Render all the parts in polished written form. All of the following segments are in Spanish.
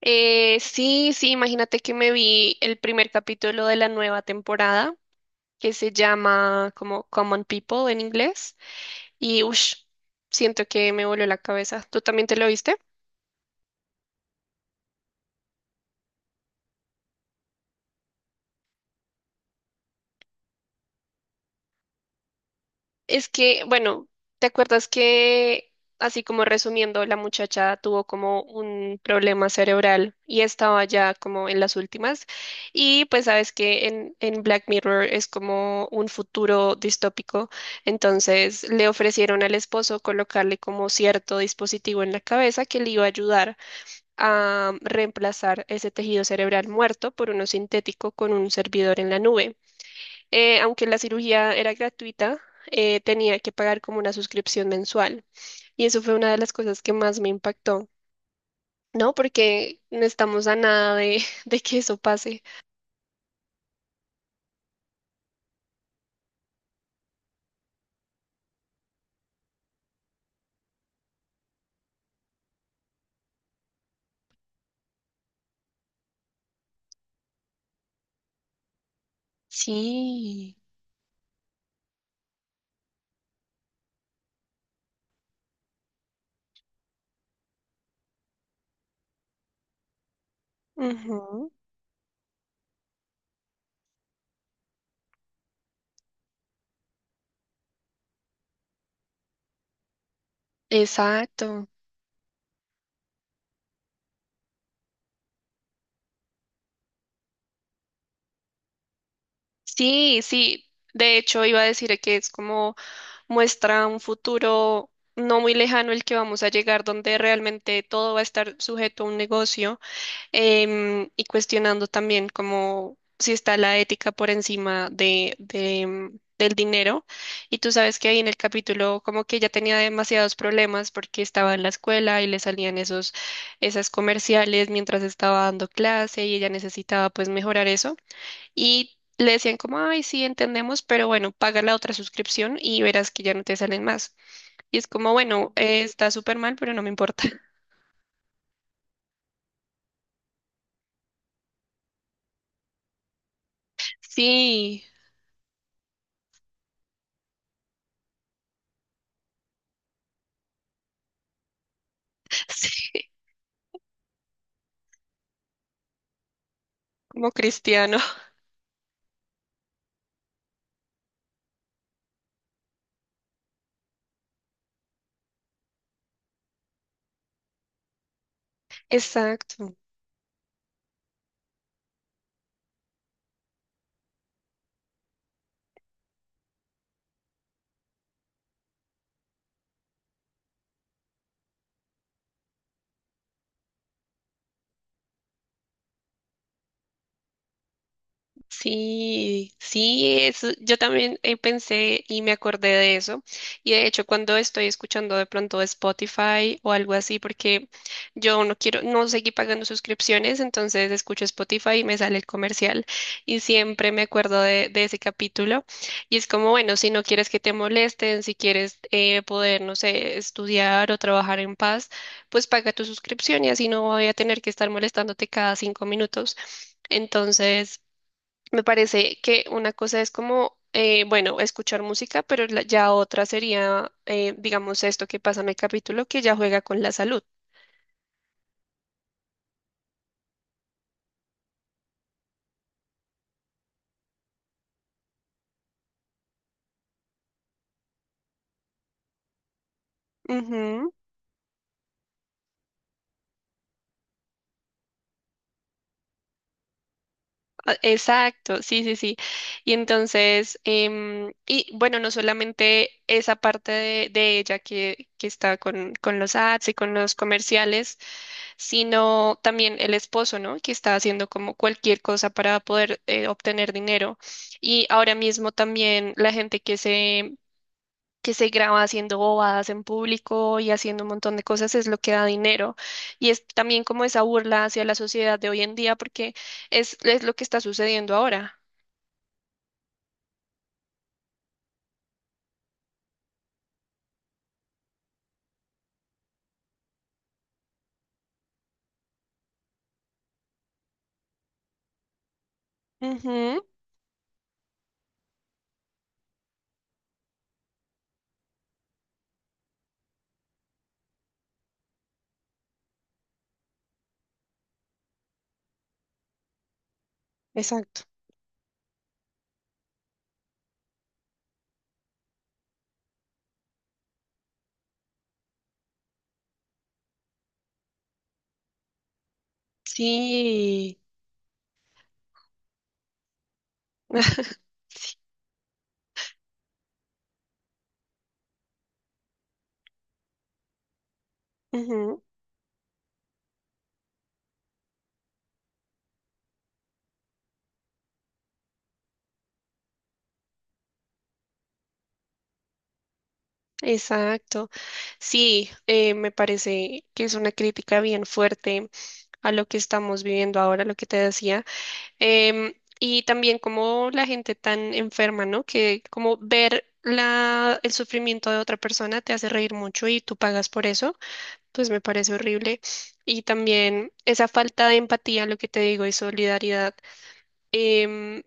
Sí, sí, imagínate que me vi el primer capítulo de la nueva temporada que se llama como Common People en inglés y ush, siento que me voló la cabeza. ¿Tú también te lo viste? Es que, bueno, ¿te acuerdas que, así como resumiendo, la muchacha tuvo como un problema cerebral y estaba ya como en las últimas? Y pues sabes que en Black Mirror es como un futuro distópico, entonces le ofrecieron al esposo colocarle como cierto dispositivo en la cabeza que le iba a ayudar a reemplazar ese tejido cerebral muerto por uno sintético con un servidor en la nube, aunque la cirugía era gratuita, tenía que pagar como una suscripción mensual. Y eso fue una de las cosas que más me impactó, ¿no? Porque no estamos a nada de, de que eso pase. Sí. Ujú. Exacto. Sí, sí. De hecho, iba a decir que es como muestra un futuro no muy lejano el que vamos a llegar, donde realmente todo va a estar sujeto a un negocio, y cuestionando también como si está la ética por encima de del dinero. Y tú sabes que ahí en el capítulo como que ella tenía demasiados problemas porque estaba en la escuela y le salían esas comerciales mientras estaba dando clase y ella necesitaba pues mejorar eso. Y le decían como, ay, sí, entendemos, pero bueno, paga la otra suscripción y verás que ya no te salen más. Y es como, bueno, está súper mal, pero no me importa. Sí, sí, como cristiano. Exacto. Sí, sí, es, yo también pensé y me acordé de eso. Y de hecho, cuando estoy escuchando de pronto Spotify o algo así, porque yo no quiero, no seguí pagando suscripciones, entonces escucho Spotify y me sale el comercial. Y siempre me acuerdo de ese capítulo. Y es como, bueno, si no quieres que te molesten, si quieres poder, no sé, estudiar o trabajar en paz, pues paga tu suscripción y así no voy a tener que estar molestándote cada 5 minutos. Entonces... me parece que una cosa es como, bueno, escuchar música, pero ya otra sería, digamos, esto que pasa en el capítulo, que ya juega con la salud. Ujú. Ah, exacto, sí, sí, sí. Y entonces, y bueno, no solamente esa parte de ella que está con los ads y con los comerciales, sino también el esposo, ¿no? Que está haciendo como cualquier cosa para poder obtener dinero. Y ahora mismo también la gente que se graba haciendo bobadas en público y haciendo un montón de cosas es lo que da dinero. Y es también como esa burla hacia la sociedad de hoy en día porque es lo que está sucediendo ahora. Ujú. Exacto. Sí. Ujú. Exacto. Sí, me parece que es una crítica bien fuerte a lo que estamos viviendo ahora, lo que te decía. Em, y también como la gente tan enferma, ¿no? Que como ver la, el sufrimiento de otra persona te hace reír mucho y tú pagas por eso, pues me parece horrible. Y también esa falta de empatía, lo que te digo, y solidaridad. em,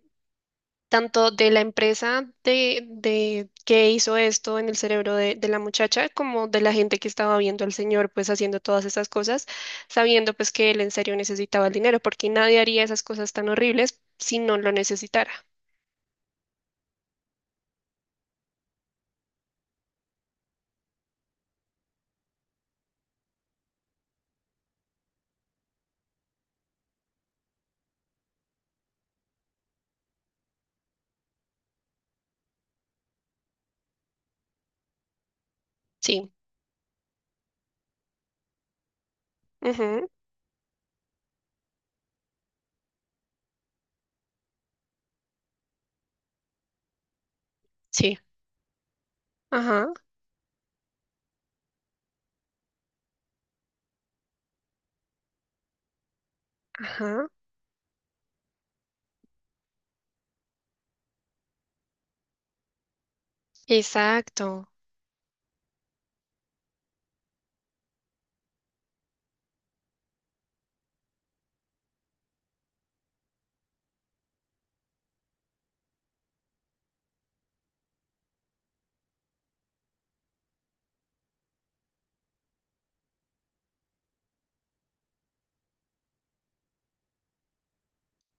tanto de la empresa de que hizo esto en el cerebro de la muchacha, como de la gente que estaba viendo al señor pues haciendo todas esas cosas, sabiendo pues que él en serio necesitaba el dinero, porque nadie haría esas cosas tan horribles si no lo necesitara. Sí, ujú, sí, ajá, ajá, exacto.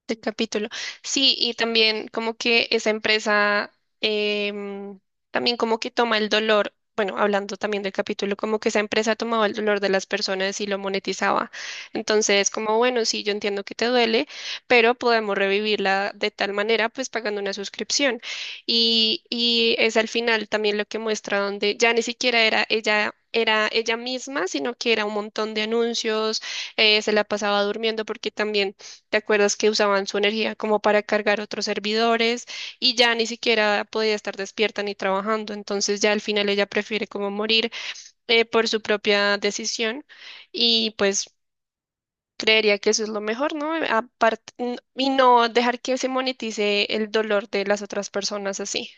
De capítulo. Sí, y también como que esa empresa, em, también como que toma el dolor, bueno, hablando también del capítulo, como que esa empresa tomaba el dolor de las personas y lo monetizaba. Entonces, como bueno, sí, yo entiendo que te duele, pero podemos revivirla de tal manera, pues pagando una suscripción. Y es al final también lo que muestra donde ya ni siquiera era ella. Era ella misma, sino que era un montón de anuncios, se la pasaba durmiendo porque también ¿te acuerdas que usaban su energía como para cargar otros servidores y ya ni siquiera podía estar despierta ni trabajando? Entonces ya al final ella prefiere como morir, por su propia decisión y pues creería que eso es lo mejor, ¿no? Aparte, y no dejar que se monetice el dolor de las otras personas así.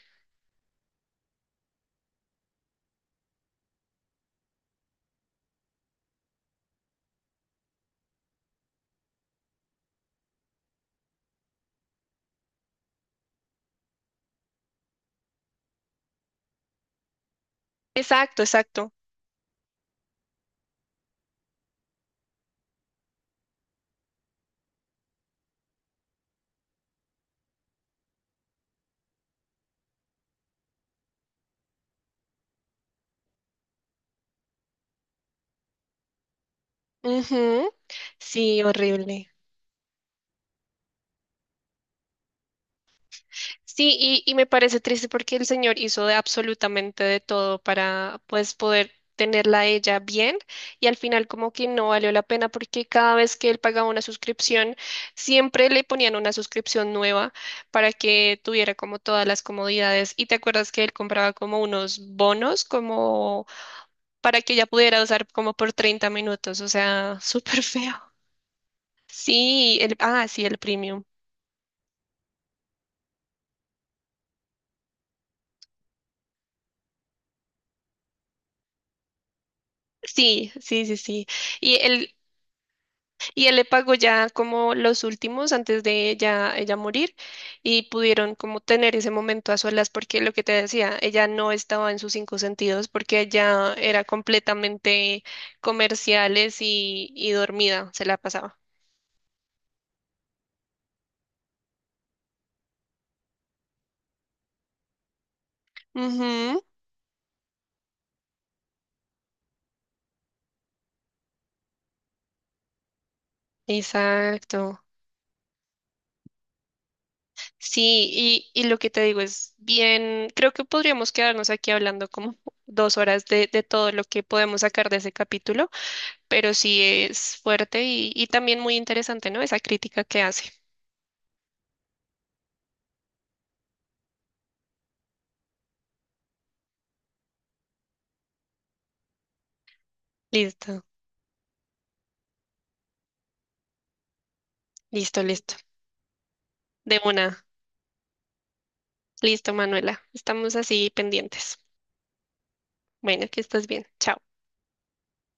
Exacto, exacto. Ujú. Sí, horrible. Sí, y me parece triste porque el señor hizo de absolutamente de todo para pues poder tenerla a ella bien y al final como que no valió la pena porque cada vez que él pagaba una suscripción siempre le ponían una suscripción nueva para que tuviera como todas las comodidades y te acuerdas que él compraba como unos bonos como para que ella pudiera usar como por 30 minutos, o sea, súper feo. Sí, el, ah, sí, el premium. Sí, sí, sí, sí. Y el, y él le pagó ya como los últimos antes de ella morir y pudieron como tener ese momento a solas porque lo que te decía, ella no estaba en sus cinco sentidos porque ella era completamente comerciales y dormida, se la pasaba. Ujú, exacto. Sí, y lo que te digo es bien, creo que podríamos quedarnos aquí hablando como 2 horas de todo lo que podemos sacar de ese capítulo. Pero sí es fuerte y también muy interesante, ¿no? Esa crítica que hace. Listo, listo, listo. De una. Listo, Manuela. Estamos así pendientes. Bueno, que estés bien. Chao.